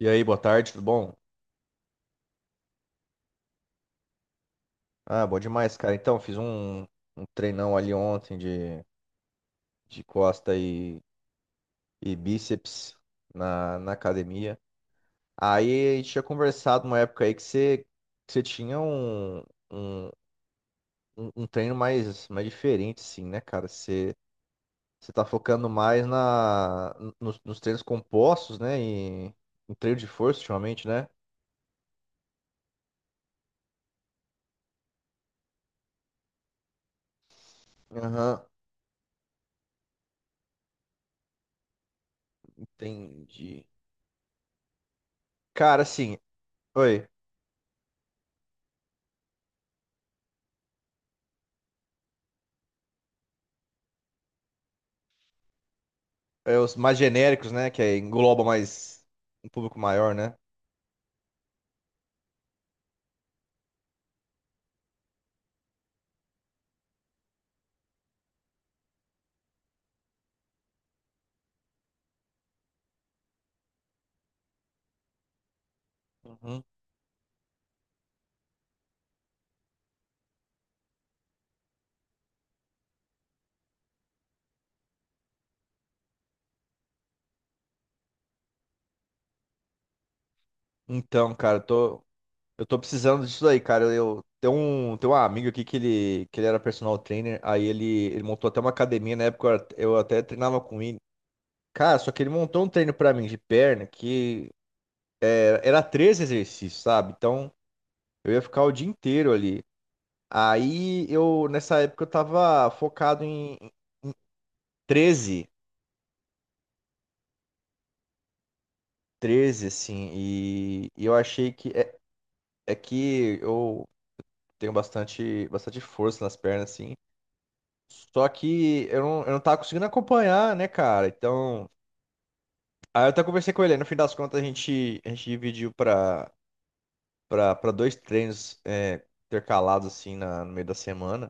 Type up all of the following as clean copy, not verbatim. E aí, boa tarde, tudo bom? Ah, bom demais, cara. Então, fiz um treinão ali ontem de costa e bíceps na academia. Aí a gente tinha conversado uma época aí que você tinha um, um treino mais diferente, assim, né, cara? Você tá focando mais nos treinos compostos, né? E em treino de força ultimamente, né? Aham, entendi. Cara, assim, oi. É, os mais genéricos, né? Que aí engloba mais um público maior, né? Uhum. Então, cara, eu tô, precisando disso aí, cara. Tem um, amigo aqui que ele era personal trainer, aí ele montou até uma academia. Na época, eu até treinava com ele. Cara, só que ele montou um treino pra mim de perna que era 13 exercícios, sabe? Então, eu ia ficar o dia inteiro ali. Aí eu, nessa época, eu tava focado em 13 13, assim, e eu achei que. É que eu tenho bastante, bastante força nas pernas, assim. Só que eu não, tava conseguindo acompanhar, né, cara? Então. Aí eu até conversei com ele. Aí no fim das contas, a gente dividiu pra dois treinos, intercalados, assim, no meio da semana.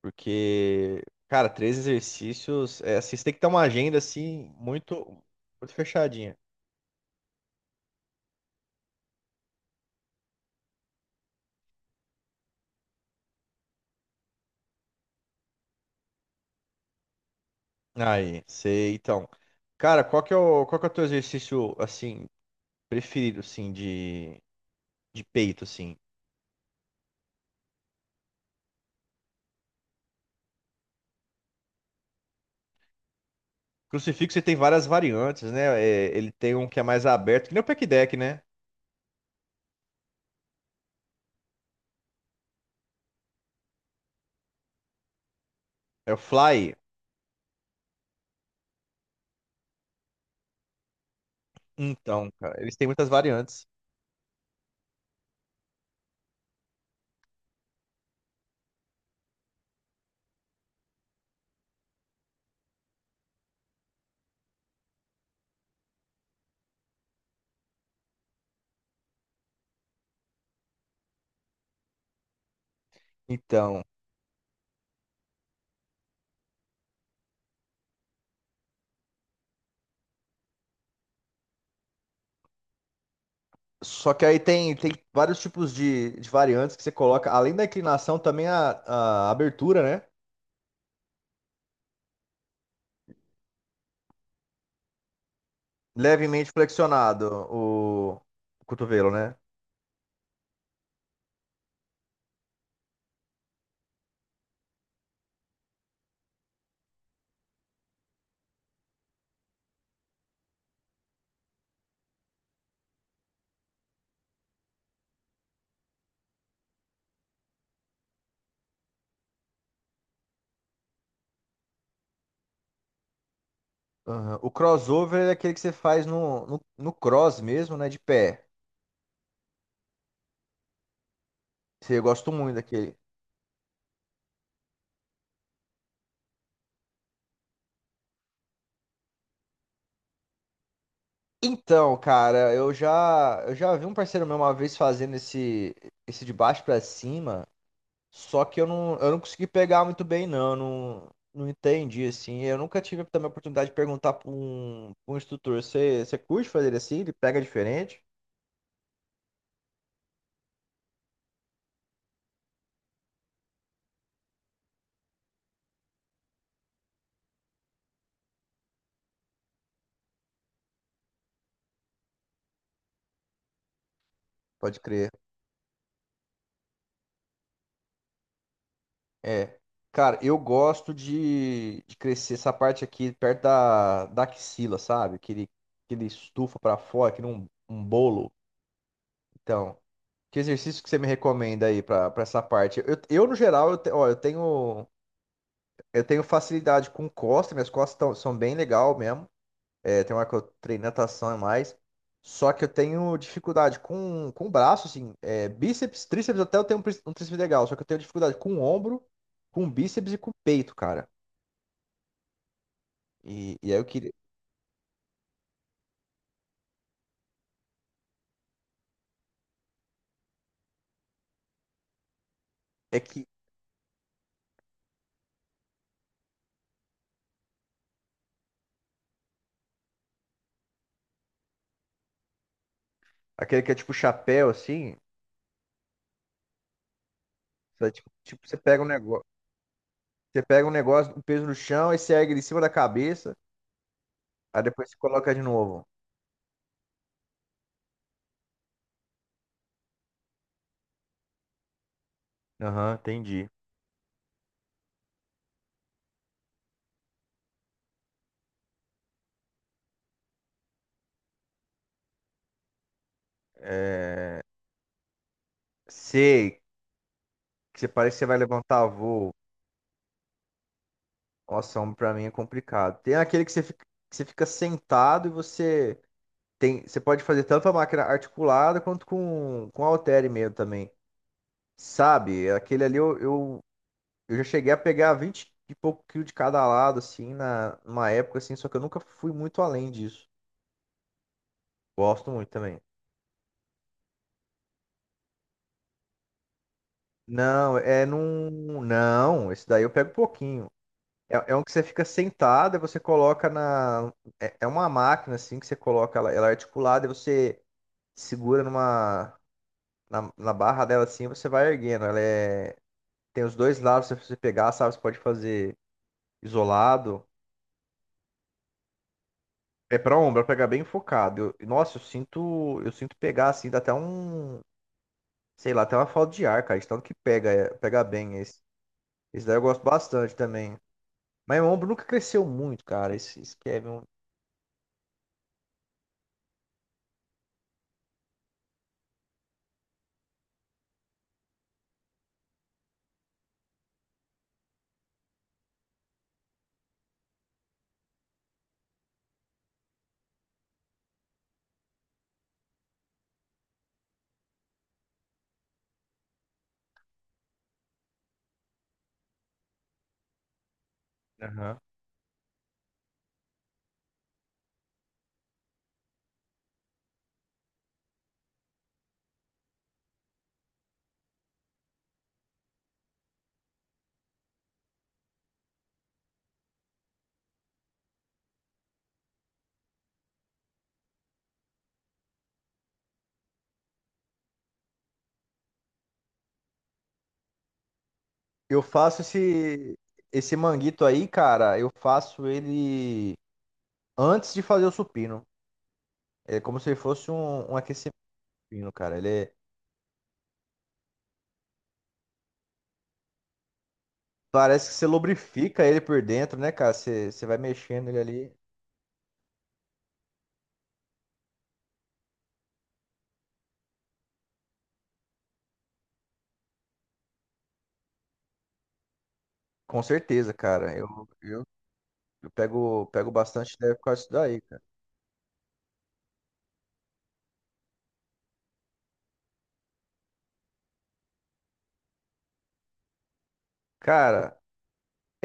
Porque, cara, três exercícios. É, assim, você tem que ter uma agenda, assim, muito, muito fechadinha. Aí, sei. Então. Cara, qual que é o teu exercício, assim, preferido, assim, de peito, assim? Crucifixo ele tem várias variantes, né? É, ele tem um que é mais aberto, que nem o pack deck, né? É o Fly. Então, cara, eles têm muitas variantes. Então, só que aí tem, vários tipos de variantes que você coloca, além da inclinação, também a abertura, né? Levemente flexionado o, o cotovelo, né? Aham. O crossover é aquele que você faz no, cross mesmo, né? De pé. Eu gosto muito daquele. Então, cara, eu já, vi um parceiro meu uma vez fazendo esse, de baixo pra cima, só que eu não consegui pegar muito bem, não, eu não, não entendi, assim. Eu nunca tive também a oportunidade de perguntar pra um, instrutor. Você curte fazer assim? Ele pega diferente? Pode crer. É. Cara, eu gosto de, crescer essa parte aqui perto da, axila, sabe? que ele estufa pra fora, que nem um bolo. Então. Que exercício que você me recomenda aí pra essa parte? Eu, no geral, ó, eu tenho facilidade com costas. Minhas costas são bem legal mesmo. É, tem uma que eu treino natação e mais. Só que eu tenho dificuldade com o braço, assim, bíceps, tríceps. Até eu tenho um tríceps legal, só que eu tenho dificuldade com o ombro, com o bíceps e com o peito, cara. E aí eu queria. É que aquele que é tipo chapéu, assim, você, tipo, você pega um negócio, um peso no chão, aí você ergue ele em cima da cabeça, aí depois você coloca de novo. Aham, entendi. Sei que você parece que você vai levantar voo. Nossa, ombro pra mim é complicado. Tem aquele que você fica sentado e você pode fazer tanto a máquina articulada quanto com halter mesmo também. Sabe? Aquele ali eu já cheguei a pegar 20 e pouco quilos de cada lado assim, na numa época assim, só que eu nunca fui muito além disso. Gosto muito também. Não, não, esse daí eu pego pouquinho. É um que você fica sentado e você coloca na. É uma máquina assim que você coloca ela, ela é articulada e você segura numa. Na barra dela assim, e você vai erguendo. Ela é. Tem os dois lados, se você pegar, sabe? Você pode fazer isolado. É pra ombro, é pra pegar bem focado. Nossa, eu sinto. Eu sinto pegar assim, dá até um. Sei lá, até uma falta de ar, cara. De tanto que pega, pega bem esse. Esse daí eu gosto bastante também. Mas meu ombro nunca cresceu muito, cara. Esse que é meu. Eu faço esse, manguito aí, cara. Eu faço ele antes de fazer o supino. É como se ele fosse um aquecimento, supino, cara. Parece que você lubrifica ele por dentro, né, cara? Você vai mexendo ele ali. Com certeza, cara. Eu, eu pego bastante leve por causa disso daí, cara. Cara,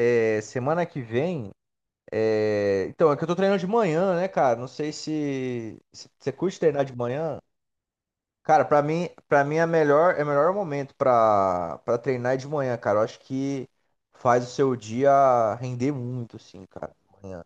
semana que vem. Então, é que eu tô treinando de manhã, né, cara? Não sei se, você curte treinar de manhã. Cara, para mim É o melhor momento pra para treinar é de manhã, cara. Eu acho que faz o seu dia render muito, assim, cara, de manhã.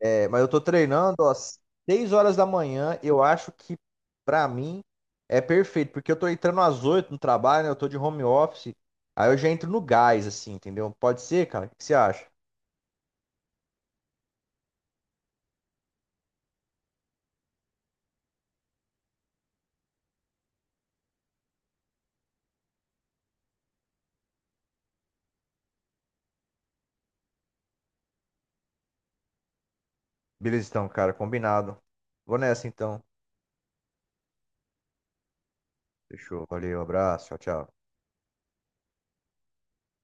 É, mas eu tô treinando às 6 horas da manhã. Eu acho que pra mim é perfeito, porque eu tô entrando às 8h no trabalho, né? Eu tô de home office. Aí eu já entro no gás, assim, entendeu? Pode ser, cara? O que você acha? Beleza, então, cara, combinado. Vou nessa, então. Fechou. Valeu, abraço. Tchau, tchau.